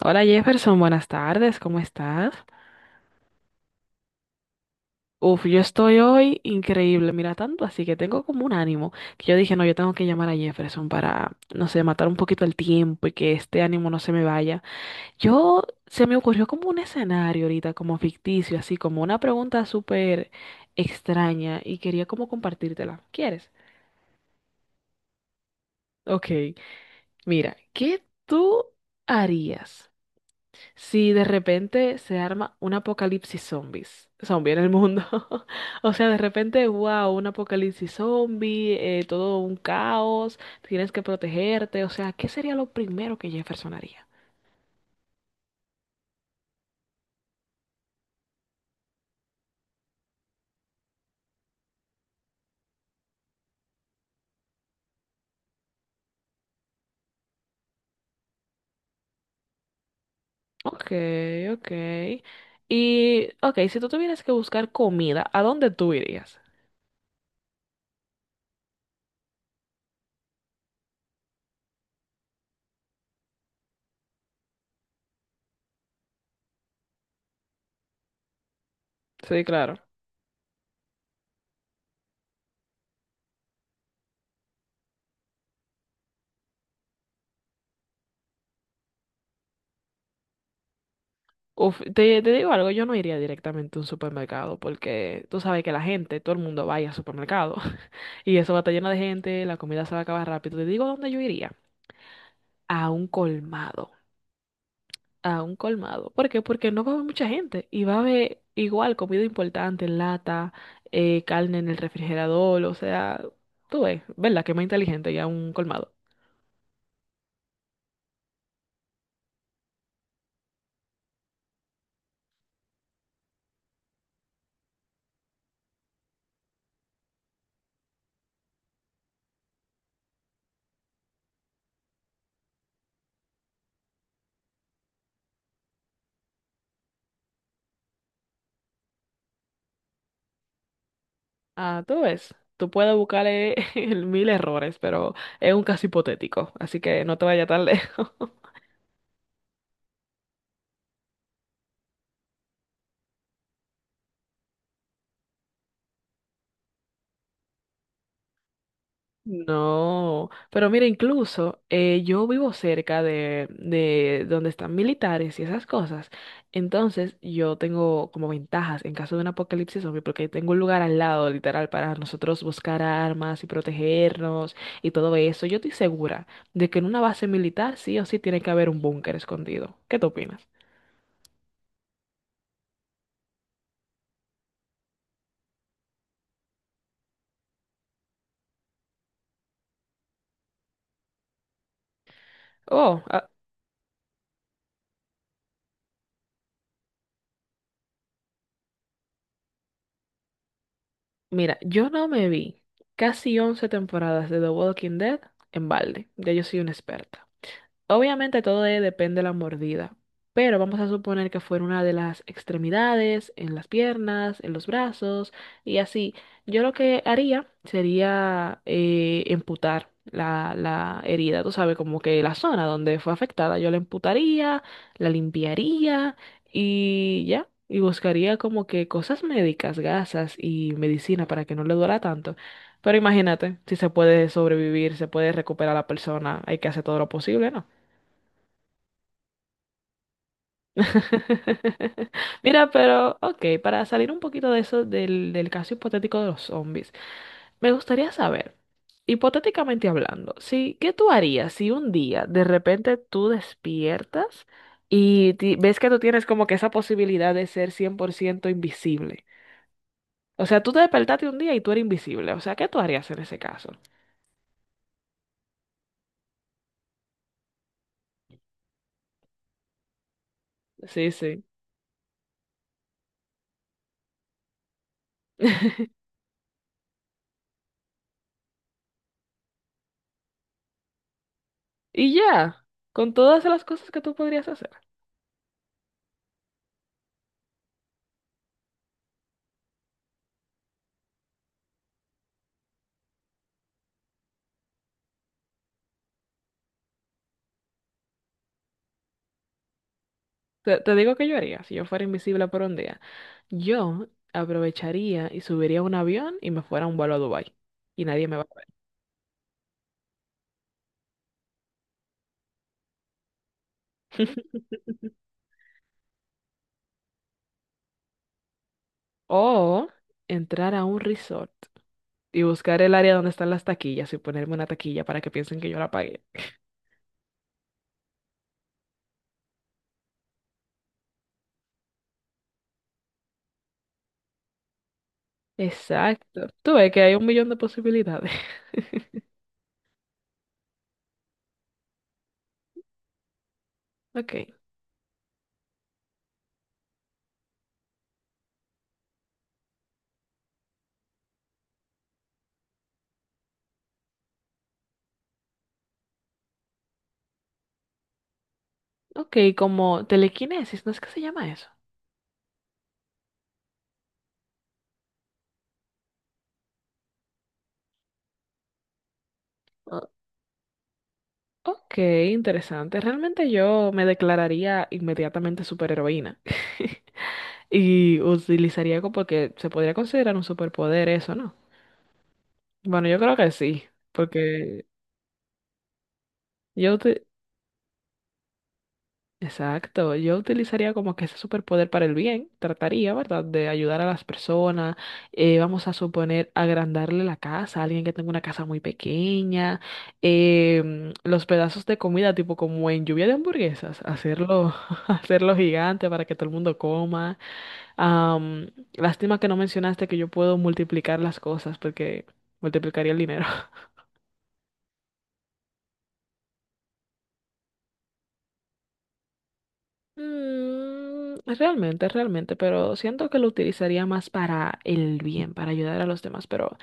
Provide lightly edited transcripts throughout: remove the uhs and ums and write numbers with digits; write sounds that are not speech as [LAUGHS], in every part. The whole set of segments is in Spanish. Hola Jefferson, buenas tardes, ¿cómo estás? Uf, yo estoy hoy increíble, mira tanto, así que tengo como un ánimo que yo dije, no, yo tengo que llamar a Jefferson para, no sé, matar un poquito el tiempo y que este ánimo no se me vaya. Yo se me ocurrió como un escenario ahorita, como ficticio, así como una pregunta súper extraña y quería como compartírtela. ¿Quieres? Ok, mira, ¿qué tú harías? Si de repente se arma un apocalipsis zombie en el mundo. [LAUGHS] O sea, de repente, wow, un apocalipsis zombie, todo un caos, tienes que protegerte. O sea, ¿qué sería lo primero que Jefferson haría? Ok, ok. Y, ok, si tú tuvieras que buscar comida, ¿a dónde tú irías? Sí, claro. Uf, te digo algo, yo no iría directamente a un supermercado porque tú sabes que la gente, todo el mundo va a ir al supermercado [LAUGHS] y eso va a estar lleno de gente, la comida se va a acabar rápido. Te digo dónde yo iría, a un colmado, a un colmado. ¿Por qué? Porque no va a haber mucha gente y va a haber igual comida importante, lata, carne en el refrigerador, o sea, tú ves, ¿verdad? Que más inteligente ya un colmado. Ah, tú ves, tú puedes buscarle [LAUGHS] mil errores, pero es un caso hipotético, así que no te vayas tan [LAUGHS] lejos. No, pero mira, incluso yo vivo cerca de donde están militares y esas cosas. Entonces yo tengo como ventajas en caso de un apocalipsis zombie porque tengo un lugar al lado, literal, para nosotros buscar armas y protegernos y todo eso. Yo estoy segura de que en una base militar sí o sí tiene que haber un búnker escondido. ¿Qué tú opinas? Oh, ah, mira, yo no me vi casi 11 temporadas de The Walking Dead en balde. Ya yo soy una experta. Obviamente todo depende de la mordida, pero vamos a suponer que fuera una de las extremidades, en las piernas, en los brazos y así. Yo lo que haría sería amputar la herida, tú sabes, como que la zona donde fue afectada, yo la amputaría, la limpiaría y ya. Y buscaría como que cosas médicas, gasas y medicina para que no le duela tanto. Pero imagínate, si se puede sobrevivir, se puede recuperar la persona, hay que hacer todo lo posible, ¿no? [LAUGHS] Mira, pero ok, para salir un poquito de eso, del caso hipotético de los zombies, me gustaría saber, hipotéticamente hablando, si, ¿qué tú harías si un día de repente tú despiertas y ves que tú tienes como que esa posibilidad de ser 100% invisible? O sea, tú te despertaste un día y tú eres invisible. O sea, ¿qué tú harías en ese caso? Sí, sí. [LAUGHS] Y ya, con todas las cosas que tú podrías hacer. Te digo que yo haría, si yo fuera invisible por un día, yo aprovecharía y subiría a un avión y me fuera a un vuelo a Dubái y nadie me va a ver. [LAUGHS] O entrar a un resort y buscar el área donde están las taquillas y ponerme una taquilla para que piensen que yo la pagué. Exacto. Tú ves que hay un millón de posibilidades. [LAUGHS] Ok, ok, como telequinesis, ¿no es que se llama eso? Ok, interesante. Realmente yo me declararía inmediatamente superheroína. [LAUGHS] Y utilizaría como porque se podría considerar un superpoder eso, ¿no? Bueno, yo creo que sí, porque yo uti- Exacto, yo utilizaría como que ese superpoder para el bien, trataría, ¿verdad?, de ayudar a las personas, vamos a suponer agrandarle la casa a alguien que tenga una casa muy pequeña, los pedazos de comida, tipo como en lluvia de hamburguesas, hacerlo, [LAUGHS] hacerlo gigante para que todo el mundo coma. Lástima que no mencionaste que yo puedo multiplicar las cosas porque multiplicaría el dinero. Realmente, realmente, pero siento que lo utilizaría más para el bien, para ayudar a los demás. Pero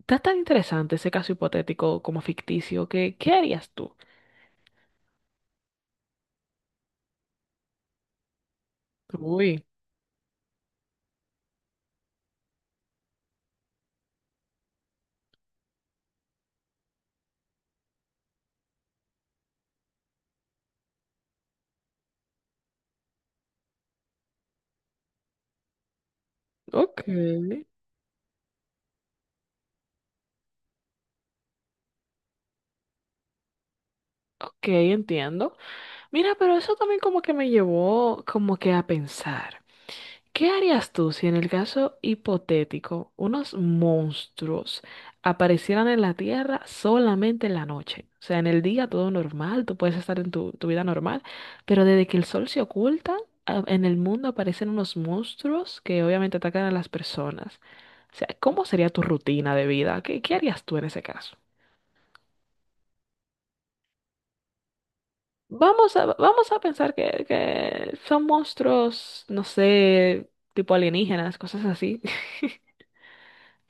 está tan interesante ese caso hipotético como ficticio que, ¿qué harías tú? Uy, ok, ok, entiendo. Mira, pero eso también como que me llevó como que a pensar. ¿Qué harías tú si en el caso hipotético unos monstruos aparecieran en la Tierra solamente en la noche? O sea, en el día todo normal, tú puedes estar en tu vida normal, pero desde que el sol se oculta, en el mundo aparecen unos monstruos que obviamente atacan a las personas. O sea, ¿cómo sería tu rutina de vida? ¿Qué, qué harías tú en ese caso? Vamos a pensar que son monstruos, no sé, tipo alienígenas, cosas así. [LAUGHS]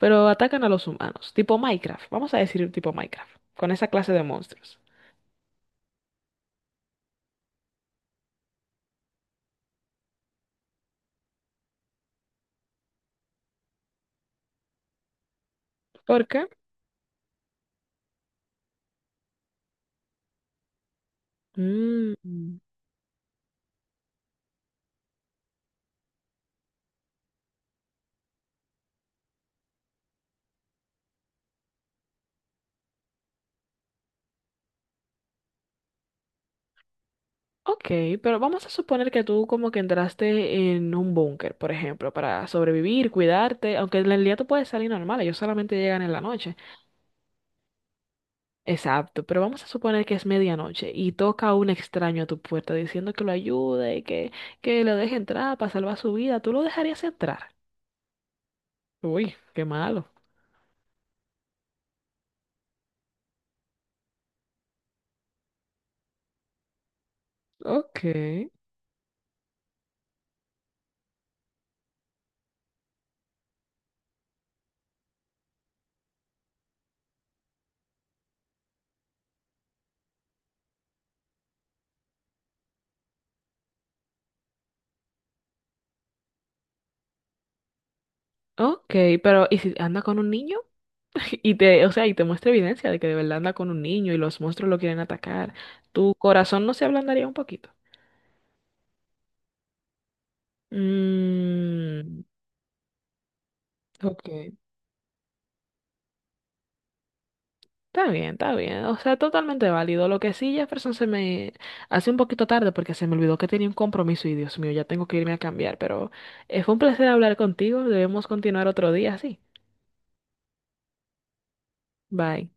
pero atacan a los humanos, tipo Minecraft, vamos a decir tipo Minecraft, con esa clase de monstruos. ¿Por qué? Mm, ok, pero vamos a suponer que tú como que entraste en un búnker, por ejemplo, para sobrevivir, cuidarte, aunque en el día tú puedes salir normal, ellos solamente llegan en la noche. Exacto, pero vamos a suponer que es medianoche y toca un extraño a tu puerta diciendo que lo ayude, que lo deje entrar para salvar su vida, ¿tú lo dejarías entrar? Uy, qué malo. Ok, ok, pero ¿y si anda con un niño? [LAUGHS] Y te, o sea, y te muestra evidencia de que de verdad anda con un niño y los monstruos lo quieren atacar. ¿Tu corazón no se ablandaría un poquito? Mm, ok. Está bien, está bien. O sea, totalmente válido. Lo que sí, Jefferson, se me hace un poquito tarde porque se me olvidó que tenía un compromiso y Dios mío, ya tengo que irme a cambiar. Pero fue un placer hablar contigo. Debemos continuar otro día, sí. Bye.